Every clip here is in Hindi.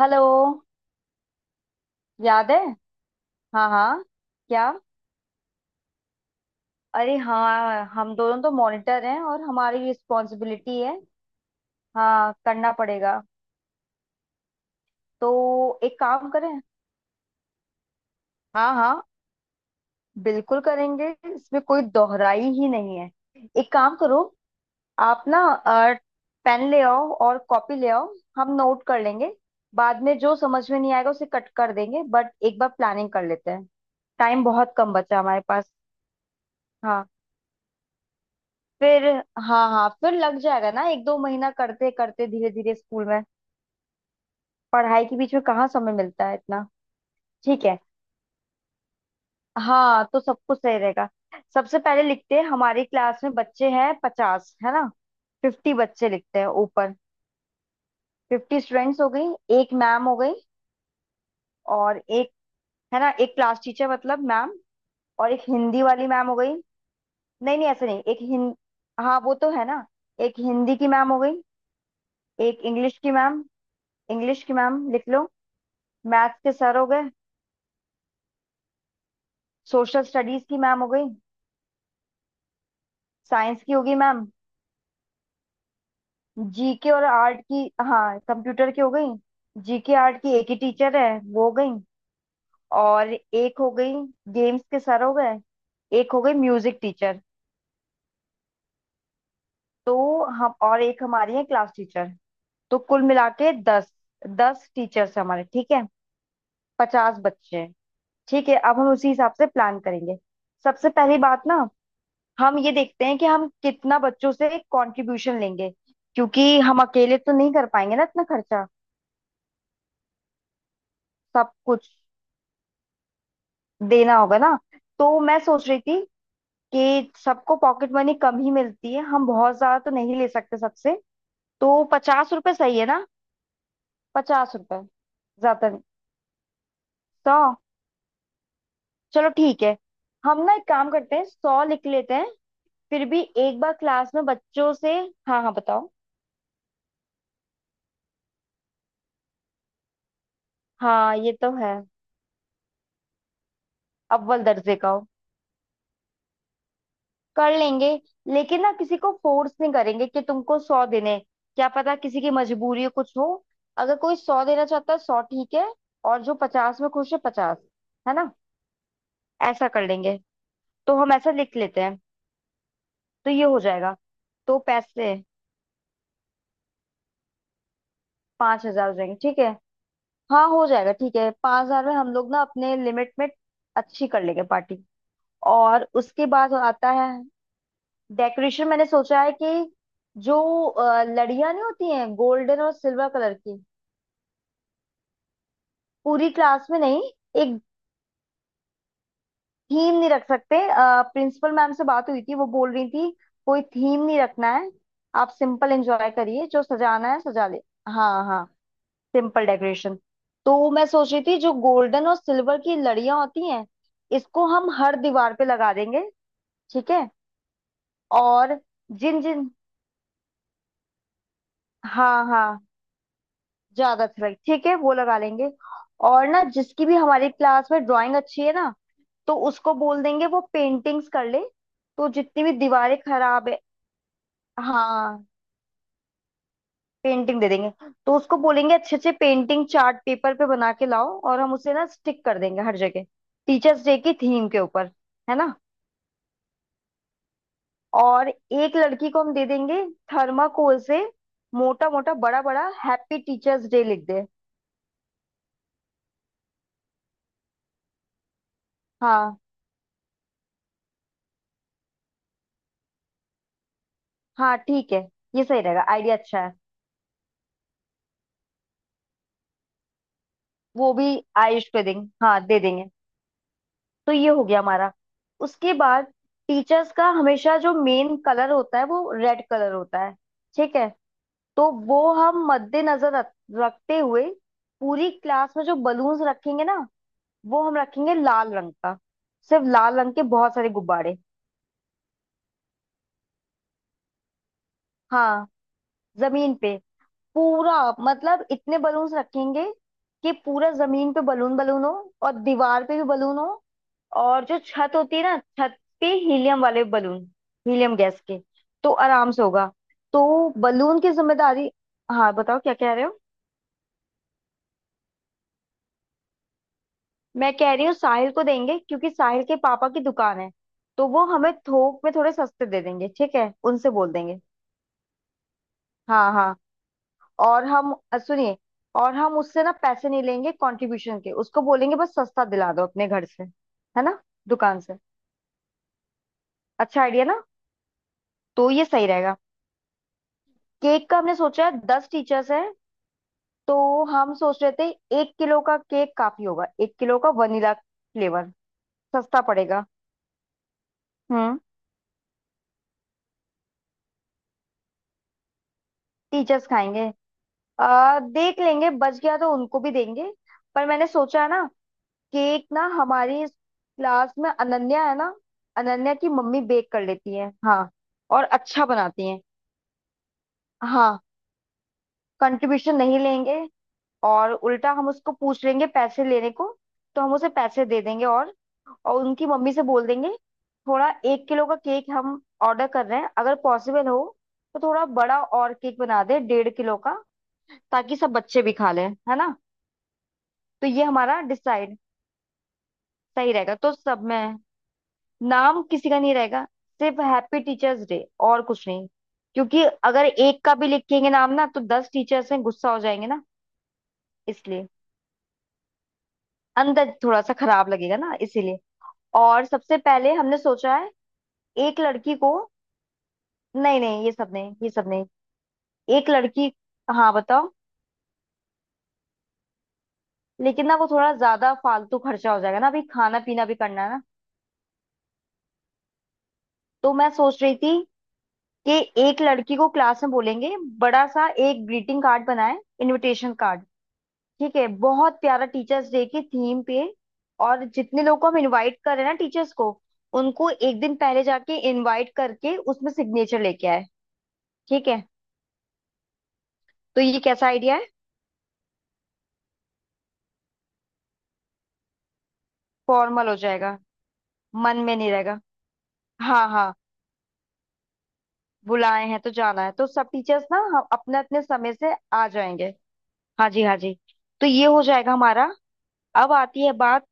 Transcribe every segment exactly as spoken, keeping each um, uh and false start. हेलो। याद है। हाँ, हाँ। क्या? अरे हाँ, हम दोनों तो मॉनिटर हैं और हमारी रिस्पॉन्सिबिलिटी है। हाँ, करना पड़ेगा। तो एक काम करें। हाँ, हाँ, बिल्कुल करेंगे। इसमें कोई दोहराई ही नहीं है। एक काम करो। आप ना पेन ले आओ और कॉपी ले आओ, हम नोट कर लेंगे। बाद में जो समझ में नहीं आएगा उसे कट कर देंगे, बट एक बार प्लानिंग कर लेते हैं। टाइम बहुत कम बचा हमारे पास। हाँ। फिर। हाँ, हाँ, फिर लग जाएगा ना, एक दो महीना करते करते धीरे धीरे स्कूल में। पढ़ाई के बीच में कहाँ समय मिलता है इतना। ठीक है। हाँ, तो सब कुछ सही रहेगा। सबसे पहले लिखते हैं, हमारी क्लास में बच्चे हैं पचास, है ना? फिफ्टी बच्चे लिखते हैं ऊपर। फिफ्टी स्टूडेंट्स हो गई। एक मैम हो गई। और एक, है ना, एक क्लास टीचर मतलब मैम। और एक हिंदी वाली मैम हो गई। नहीं, नहीं, ऐसे नहीं। एक हिंद हाँ वो तो है ना। एक हिंदी की मैम हो गई। एक इंग्लिश की मैम। इंग्लिश की मैम लिख लो। मैथ्स के सर हो गए। सोशल स्टडीज की मैम हो गई। साइंस की होगी मैम। जीके और आर्ट की, हाँ, कंप्यूटर की हो गई, जीके आर्ट की एक ही टीचर है, वो हो गई। और एक हो गई। गेम्स के सर हो गए। एक हो गई म्यूजिक टीचर। तो हम, और एक हमारी है क्लास टीचर। तो कुल मिला के दस। दस टीचर्स हैं हमारे, ठीक है। पचास बच्चे हैं। ठीक है, अब हम उसी हिसाब से प्लान करेंगे। सबसे पहली बात ना, हम ये देखते हैं कि हम कितना बच्चों से कंट्रीब्यूशन लेंगे। क्योंकि हम अकेले तो नहीं कर पाएंगे ना इतना खर्चा। सब कुछ देना होगा ना। तो मैं सोच रही थी कि सबको पॉकेट मनी कम ही मिलती है, हम बहुत ज्यादा तो नहीं ले सकते सबसे। तो पचास रुपए सही है ना? पचास रुपए। ज्यादा नहीं। सौ, चलो ठीक है। हम ना एक काम करते हैं, सौ लिख लेते हैं। फिर भी एक बार क्लास में बच्चों से। हाँ, हाँ, बताओ। हाँ, ये तो है। अव्वल दर्जे का हो, कर लेंगे। लेकिन ना किसी को फोर्स नहीं करेंगे कि तुमको सौ देने हैं। क्या पता किसी की मजबूरी हो, कुछ हो। अगर कोई सौ देना चाहता है, सौ ठीक है। और जो पचास में खुश है, पचास। है ना? ऐसा कर लेंगे। तो हम ऐसा लिख लेते हैं। तो ये हो जाएगा। तो पैसे पांच हजार हो जाएंगे, ठीक है। हाँ, हो जाएगा। ठीक है, पांच हजार में हम लोग ना अपने लिमिट में अच्छी कर लेंगे पार्टी। और उसके बाद आता है डेकोरेशन। मैंने सोचा है कि जो अ, लड़ियां नहीं होती हैं गोल्डन और सिल्वर कलर की, पूरी क्लास में। नहीं, एक थीम नहीं रख सकते। प्रिंसिपल मैम से बात हुई थी, वो बोल रही थी कोई थीम नहीं रखना है। आप सिंपल एंजॉय करिए, जो सजाना है सजा ले। हाँ, हाँ, सिंपल डेकोरेशन। तो मैं सोच रही थी जो गोल्डन और सिल्वर की लड़ियां होती हैं, इसको हम हर दीवार पे लगा देंगे, ठीक है। और जिन जिन, हाँ, हाँ, ज्यादा अच्छा लगे ठीक है वो लगा लेंगे। और ना, जिसकी भी हमारी क्लास में ड्राइंग अच्छी है ना, तो उसको बोल देंगे वो पेंटिंग्स कर ले। तो जितनी भी दीवारें खराब है। हाँ, पेंटिंग दे देंगे। तो उसको बोलेंगे अच्छे अच्छे पेंटिंग चार्ट पेपर पे बना के लाओ, और हम उसे ना स्टिक कर देंगे हर जगह, टीचर्स डे की थीम के ऊपर, है ना। और एक लड़की को हम दे देंगे, थर्माकोल से मोटा मोटा बड़ा बड़ा हैप्पी टीचर्स डे लिख दे। हाँ, हाँ, ठीक है, ये सही रहेगा, आइडिया अच्छा है। वो भी आयुष पे देंगे, हाँ दे देंगे। तो ये हो गया हमारा। उसके बाद टीचर्स का हमेशा जो मेन कलर होता है वो रेड कलर होता है, ठीक है। तो वो हम मद्देनजर रख- रखते हुए पूरी क्लास में जो बलून्स रखेंगे ना, वो हम रखेंगे लाल रंग का, सिर्फ लाल रंग के बहुत सारे गुब्बारे। हाँ, जमीन पे पूरा। मतलब इतने बलून्स रखेंगे कि पूरा जमीन पे बलून बलून हो, और दीवार पे भी बलून हो। और जो छत होती है ना, छत पे हीलियम वाले बलून, हीलियम गैस के, तो आराम से होगा। तो बलून की जिम्मेदारी। हाँ, बताओ, क्या कह रहे हो? मैं कह रही हूँ साहिल को देंगे, क्योंकि साहिल के पापा की दुकान है, तो वो हमें थोक में थोड़े सस्ते दे देंगे, ठीक है, उनसे बोल देंगे। हाँ, हाँ, और हम अ, सुनिए, और हम उससे ना पैसे नहीं लेंगे कंट्रीब्यूशन के, उसको बोलेंगे बस सस्ता दिला दो अपने घर से, है ना, दुकान से। अच्छा आइडिया ना, तो ये सही रहेगा। केक का हमने सोचा है दस टीचर्स हैं, तो हम सोच रहे थे एक किलो का केक काफी होगा, एक किलो का वनीला फ्लेवर, सस्ता पड़ेगा। हम्म। टीचर्स खाएंगे। आ, देख लेंगे, बच गया तो उनको भी देंगे। पर मैंने सोचा है ना, केक ना, हमारी क्लास में अनन्या है ना, अनन्या की मम्मी बेक कर लेती है, हाँ, और अच्छा बनाती हैं। हाँ, कंट्रीब्यूशन नहीं लेंगे, और उल्टा हम उसको पूछ लेंगे पैसे लेने को। तो हम उसे पैसे दे देंगे, और और उनकी मम्मी से बोल देंगे, थोड़ा एक किलो का केक हम ऑर्डर कर रहे हैं, अगर पॉसिबल हो तो थोड़ा बड़ा और केक बना दे, डेढ़ किलो का, ताकि सब बच्चे भी खा लें, है ना। तो ये हमारा डिसाइड, सही रहेगा। तो सब में नाम किसी का नहीं रहेगा, सिर्फ हैप्पी टीचर्स डे और कुछ नहीं। क्योंकि अगर एक का भी लिखेंगे नाम ना, तो दस टीचर्स में गुस्सा हो जाएंगे ना। इसलिए अंदर थोड़ा सा खराब लगेगा ना, इसीलिए। और सबसे पहले हमने सोचा है एक लड़की को। नहीं, नहीं, ये सब नहीं, ये सब नहीं। एक लड़की। हाँ, बताओ। लेकिन ना वो थोड़ा ज्यादा फालतू खर्चा हो जाएगा ना, अभी खाना पीना भी करना है ना। तो मैं सोच रही थी कि एक लड़की को क्लास में बोलेंगे बड़ा सा एक ग्रीटिंग कार्ड बनाए, इनविटेशन कार्ड, ठीक है, बहुत प्यारा, टीचर्स डे की थीम पे। और जितने लोगों को हम इनवाइट कर रहे हैं ना टीचर्स को, उनको एक दिन पहले जाके इनवाइट करके उसमें सिग्नेचर लेके आए, ठीक है। तो ये कैसा आइडिया है? फॉर्मल हो जाएगा, मन में नहीं रहेगा। हाँ, हाँ, बुलाए हैं तो जाना है, तो सब टीचर्स ना हम अपने अपने समय से आ जाएंगे। हाँ जी, हाँ जी। तो ये हो जाएगा हमारा। अब आती है बात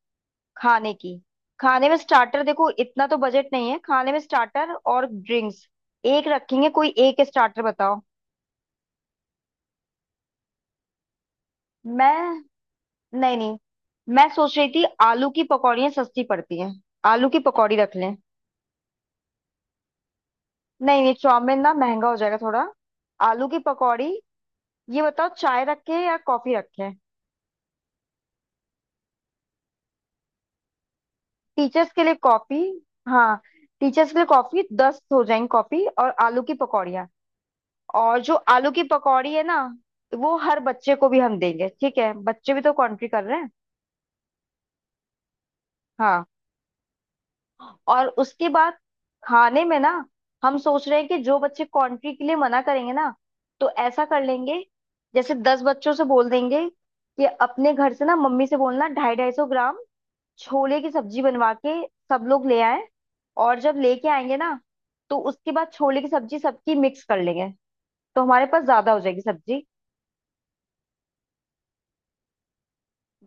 खाने की। खाने में स्टार्टर, देखो इतना तो बजट नहीं है, खाने में स्टार्टर और ड्रिंक्स, एक रखेंगे, कोई एक स्टार्टर बताओ। मैं नहीं, नहीं, मैं सोच रही थी आलू की पकौड़ियाँ सस्ती पड़ती हैं, आलू की पकौड़ी रख लें। नहीं, ये चाउमीन ना महंगा हो जाएगा थोड़ा, आलू की पकौड़ी। ये बताओ, चाय रखें या कॉफी रखें? टीचर्स के लिए कॉफी। हाँ, टीचर्स के लिए कॉफी, दस हो जाएंगी कॉफी और आलू की पकौड़ियाँ। और जो आलू की पकौड़ी है ना, वो हर बच्चे को भी हम देंगे, ठीक है, बच्चे भी तो कंट्री कर रहे हैं। हाँ। और उसके बाद खाने में ना हम सोच रहे हैं कि जो बच्चे कंट्री के लिए मना करेंगे ना, तो ऐसा कर लेंगे, जैसे दस बच्चों से बोल देंगे कि अपने घर से ना मम्मी से बोलना ढाई ढाई सौ ग्राम छोले की सब्जी बनवा के सब लोग ले आए। और जब लेके आएंगे ना, तो उसके बाद छोले की सब्जी सबकी मिक्स कर लेंगे, तो हमारे पास ज्यादा हो जाएगी सब्जी।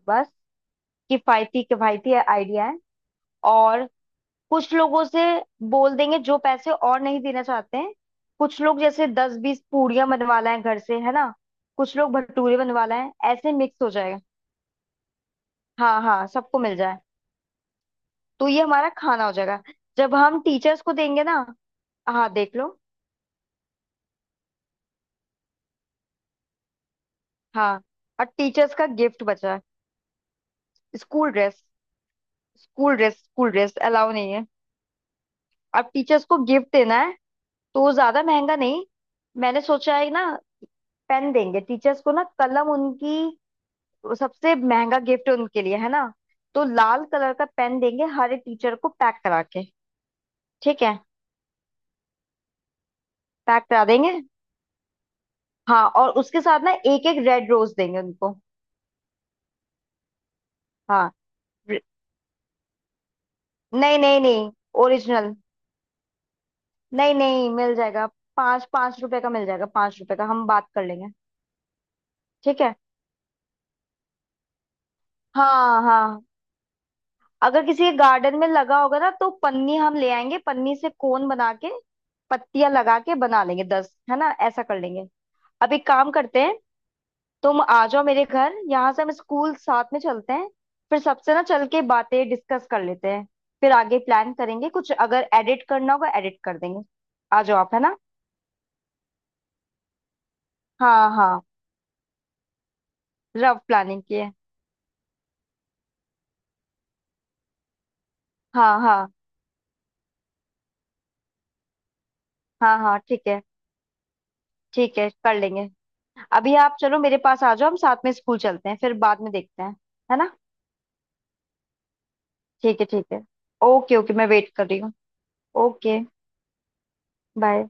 बस, किफायती किफायती आइडिया है। और कुछ लोगों से बोल देंगे जो पैसे और नहीं देना चाहते हैं, कुछ लोग जैसे दस बीस पूड़ियां बनवा लाएं घर से, है ना, कुछ लोग भटूरे बनवा लाएं, ऐसे मिक्स हो जाएगा। हाँ, हाँ, सबको मिल जाए। तो ये हमारा खाना हो जाएगा। जब हम टीचर्स को देंगे ना, हाँ, देख लो। हाँ, और टीचर्स का गिफ्ट बचा है। School dress, school dress. School dress allow नहीं है। अब टीचर्स को गिफ्ट देना है, तो ज्यादा महंगा नहीं। मैंने सोचा है ना, पेन देंगे टीचर्स को ना, कलम उनकी, वो सबसे महंगा गिफ्ट उनके लिए है ना, तो लाल कलर का पेन देंगे हर एक टीचर को पैक करा के, ठीक है, पैक करा देंगे। हाँ, और उसके साथ ना एक एक रेड रोज देंगे उनको। हाँ, रे- नहीं, नहीं, नहीं, ओरिजिनल। नहीं, नहीं, मिल जाएगा, पाँच पाँच रुपए का मिल जाएगा, पाँच रुपए का हम बात कर लेंगे, ठीक है। हाँ, हाँ, अगर किसी के गार्डन में लगा होगा ना, तो पन्नी हम ले आएंगे, पन्नी से कोन बना के पत्तियां लगा के बना लेंगे, दस है ना, ऐसा कर लेंगे। अब एक काम करते हैं, तुम आ जाओ मेरे घर, यहाँ से हम स्कूल साथ में चलते हैं, फिर सबसे ना चल के बातें डिस्कस कर लेते हैं, फिर आगे प्लान करेंगे, कुछ अगर एडिट करना होगा एडिट कर देंगे। आ जाओ आप, है ना। हाँ, हाँ, रफ प्लानिंग की है। हाँ, हाँ, हाँ, हाँ, ठीक है, ठीक है, कर लेंगे। अभी आप चलो मेरे पास आ जाओ, हम साथ में स्कूल चलते हैं फिर बाद में देखते हैं, है ना। ठीक है, ठीक है। ओके, ओके, मैं वेट कर रही हूँ। Okay, bye.